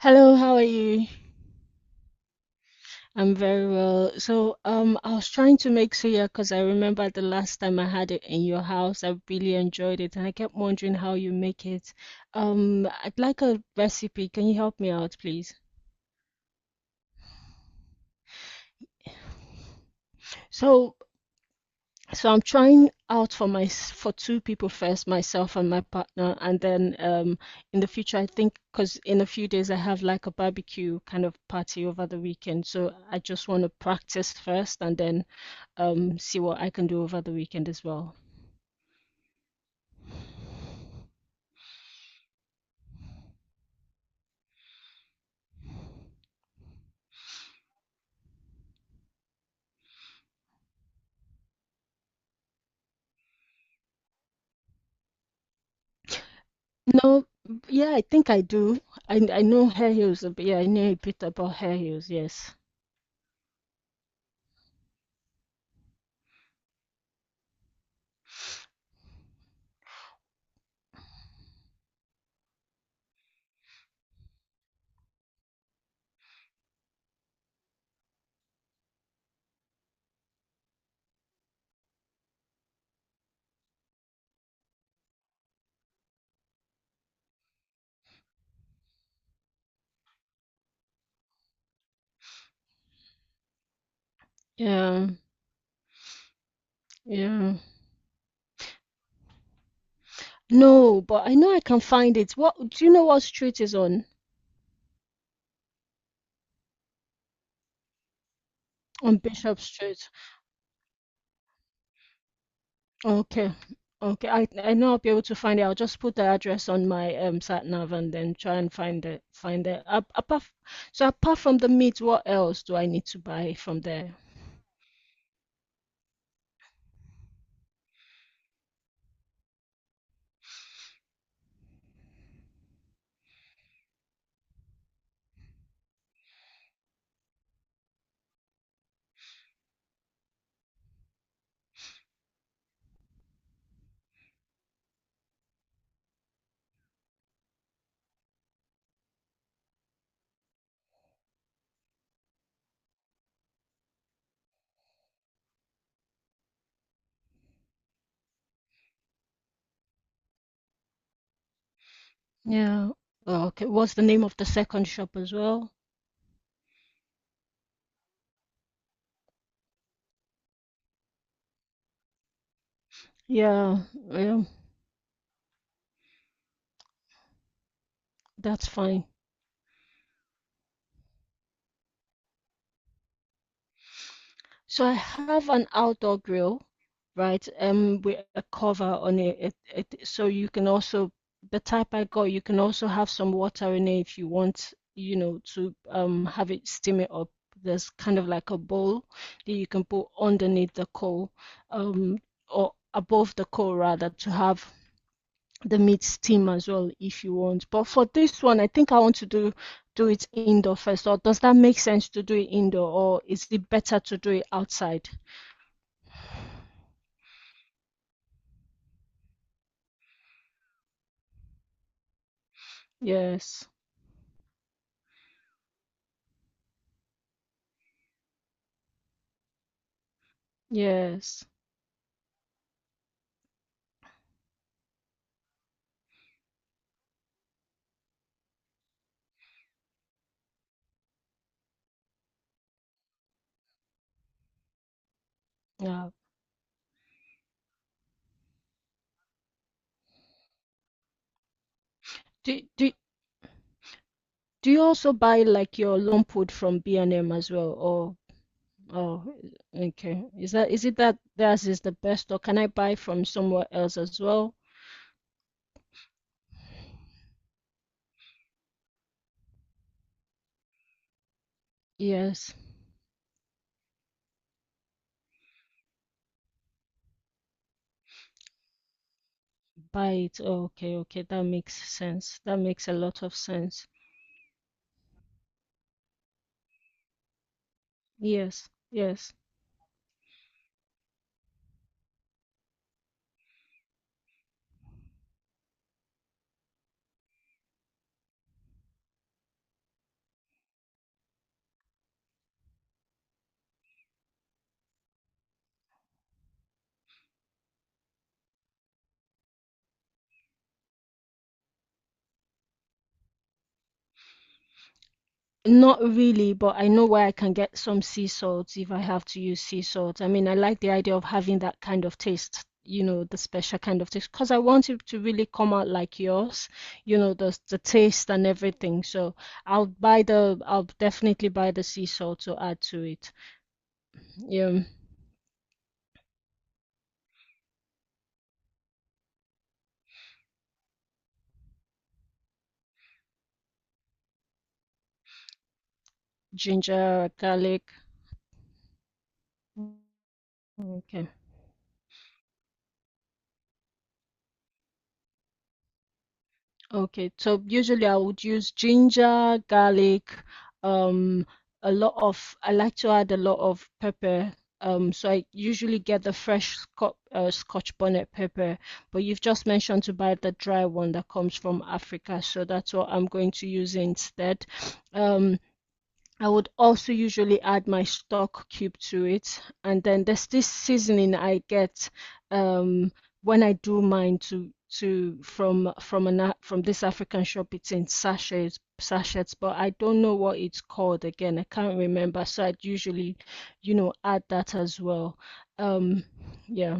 Hello, how are you? I'm very well. I was trying to make suya because I remember the last time I had it in your house. I really enjoyed it, and I kept wondering how you make it. I'd like a recipe. Can you help me out, please? So, so I'm trying out for for two people first, myself and my partner, and then in the future, I think because in a few days I have like a barbecue kind of party over the weekend, so I just want to practice first, and then see what I can do over the weekend as well. No, yeah, I think I do. I know hair heels a bit. Yeah, I know a bit about hair heels. Yes. Yeah, yeah. No, but I know I can find it. What do you know what street is on? On Bishop Street. Okay. Okay. I know I'll be able to find it. I'll just put the address on my sat nav and then try and find it. So apart from the meat, what else do I need to buy from there? Yeah. Okay. What's the name of the second shop as well? Yeah, yeah, that's fine. So I have an outdoor grill, right? With a cover on it. So you can also, the type I got, you can also have some water in it if you want, to have it steam it up. There's kind of like a bowl that you can put underneath the coal, um, or above the coal rather, to have the meat steam as well if you want. But for this one, I think I want to do it indoor first. Or does that make sense to do it indoor, or is it better to do it outside? Yes, yes, yeah. Do do do you also buy like your lump wood from B&M as well, or oh, okay. Is that is it that theirs is the best, or can I buy from somewhere else as well? Yes, buy it. Oh, okay, okay. That makes sense. That makes a lot of sense. Yes, yes. Not really, but I know where I can get some sea salt if I have to use sea salt. I mean, I like the idea of having that kind of taste, you know, the special kind of taste, because I want it to really come out like yours, you know, the taste and everything. So I'll buy I'll definitely buy the sea salt to add to it. Yeah, ginger, garlic. Mm, Okay. Okay, so usually I would use ginger, garlic, um, a lot of, I like to add a lot of pepper. So I usually get the fresh Scotch bonnet pepper, but you've just mentioned to buy the dry one that comes from Africa, so that's what I'm going to use instead. Um, I would also usually add my stock cube to it. And then there's this seasoning I get um, when I do mine to from an from this African shop. It's in sachets, but I don't know what it's called again. I can't remember. So I'd usually, you know, add that as well. Um, yeah,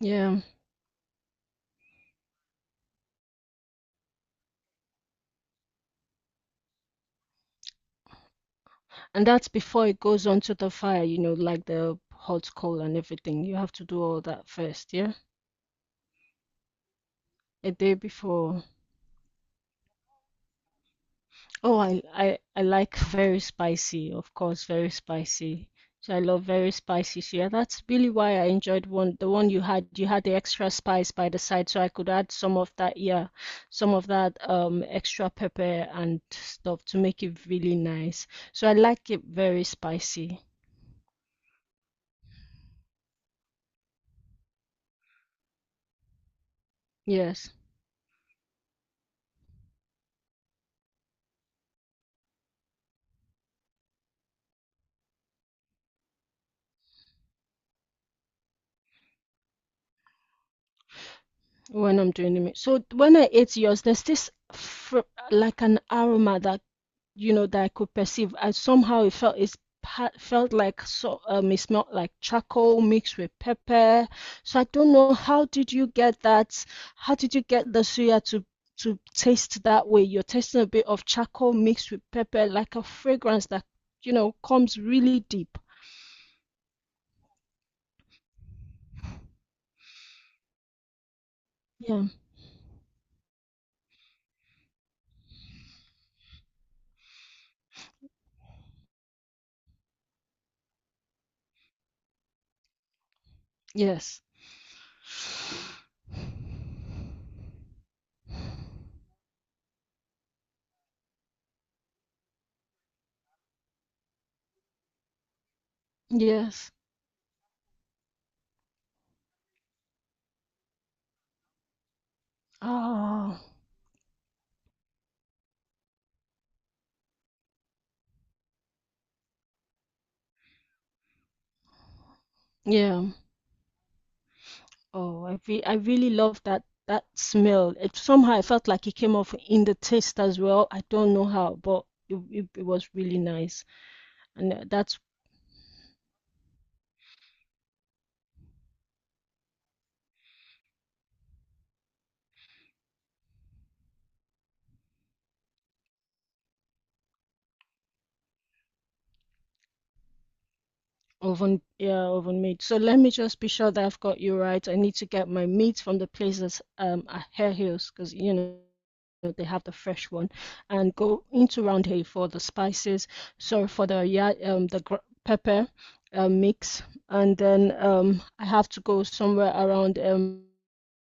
yeah. And that's before it goes onto the fire, you know, like the hot coal and everything. You have to do all that first, yeah? A day before. Oh, I like very spicy, of course, very spicy. So I love very spicy. So yeah, that's really why I enjoyed one the one you had. You had the extra spice by the side, so I could add some of that, yeah, some of that extra pepper and stuff to make it really nice. So I like it very spicy. Yes, when I'm doing it. So when I ate yours, there's this fr like an aroma that you know, that I could perceive. I somehow it felt like it smelled like charcoal mixed with pepper. So I don't know how did you get that? How did you get the suya to taste that way? You're tasting a bit of charcoal mixed with pepper, like a fragrance that you know comes really deep. Yeah. Yes. Yes. Oh, yeah. Oh, I really love that smell. It somehow I felt like it came off in the taste as well. I don't know how, but it was really nice. And that's oven yeah, oven made. So let me just be sure that I've got you right. I need to get my meat from the places at Hare Hills because you know they have the fresh one, and go into Round Hay for the spices. Sorry for the the gr pepper mix, and then I have to go somewhere around um.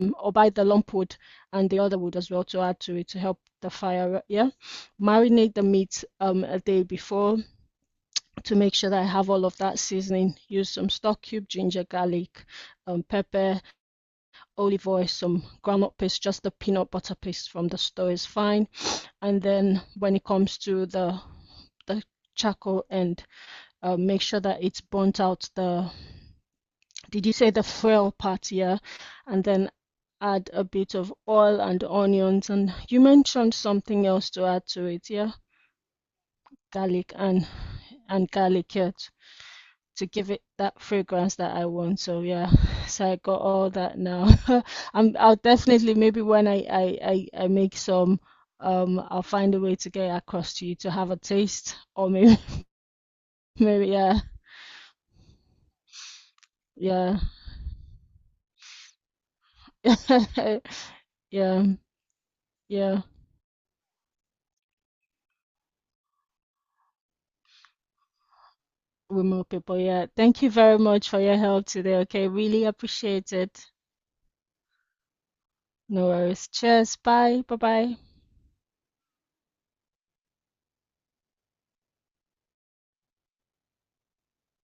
um, or buy the lump wood and the other wood as well to add to it to help the fire. Yeah, marinate the meat a day before to make sure that I have all of that seasoning. Use some stock cube, ginger, garlic, pepper, olive oil, some groundnut paste, just the peanut butter paste from the store is fine. And then when it comes to the charcoal end, make sure that it's burnt out the Did you say the frill part? Yeah. And then add a bit of oil and onions. And you mentioned something else to add to it. Yeah. Garlic and garlic yeah, to give it that fragrance that I want. So yeah, so I got all that now. I'll definitely maybe when I make some, I'll find a way to get it across to you to have a taste, or maybe maybe yeah yeah yeah yeah. With more people, yeah. Thank you very much for your help today. Okay, really appreciate it. No worries. Cheers. Bye. Bye bye.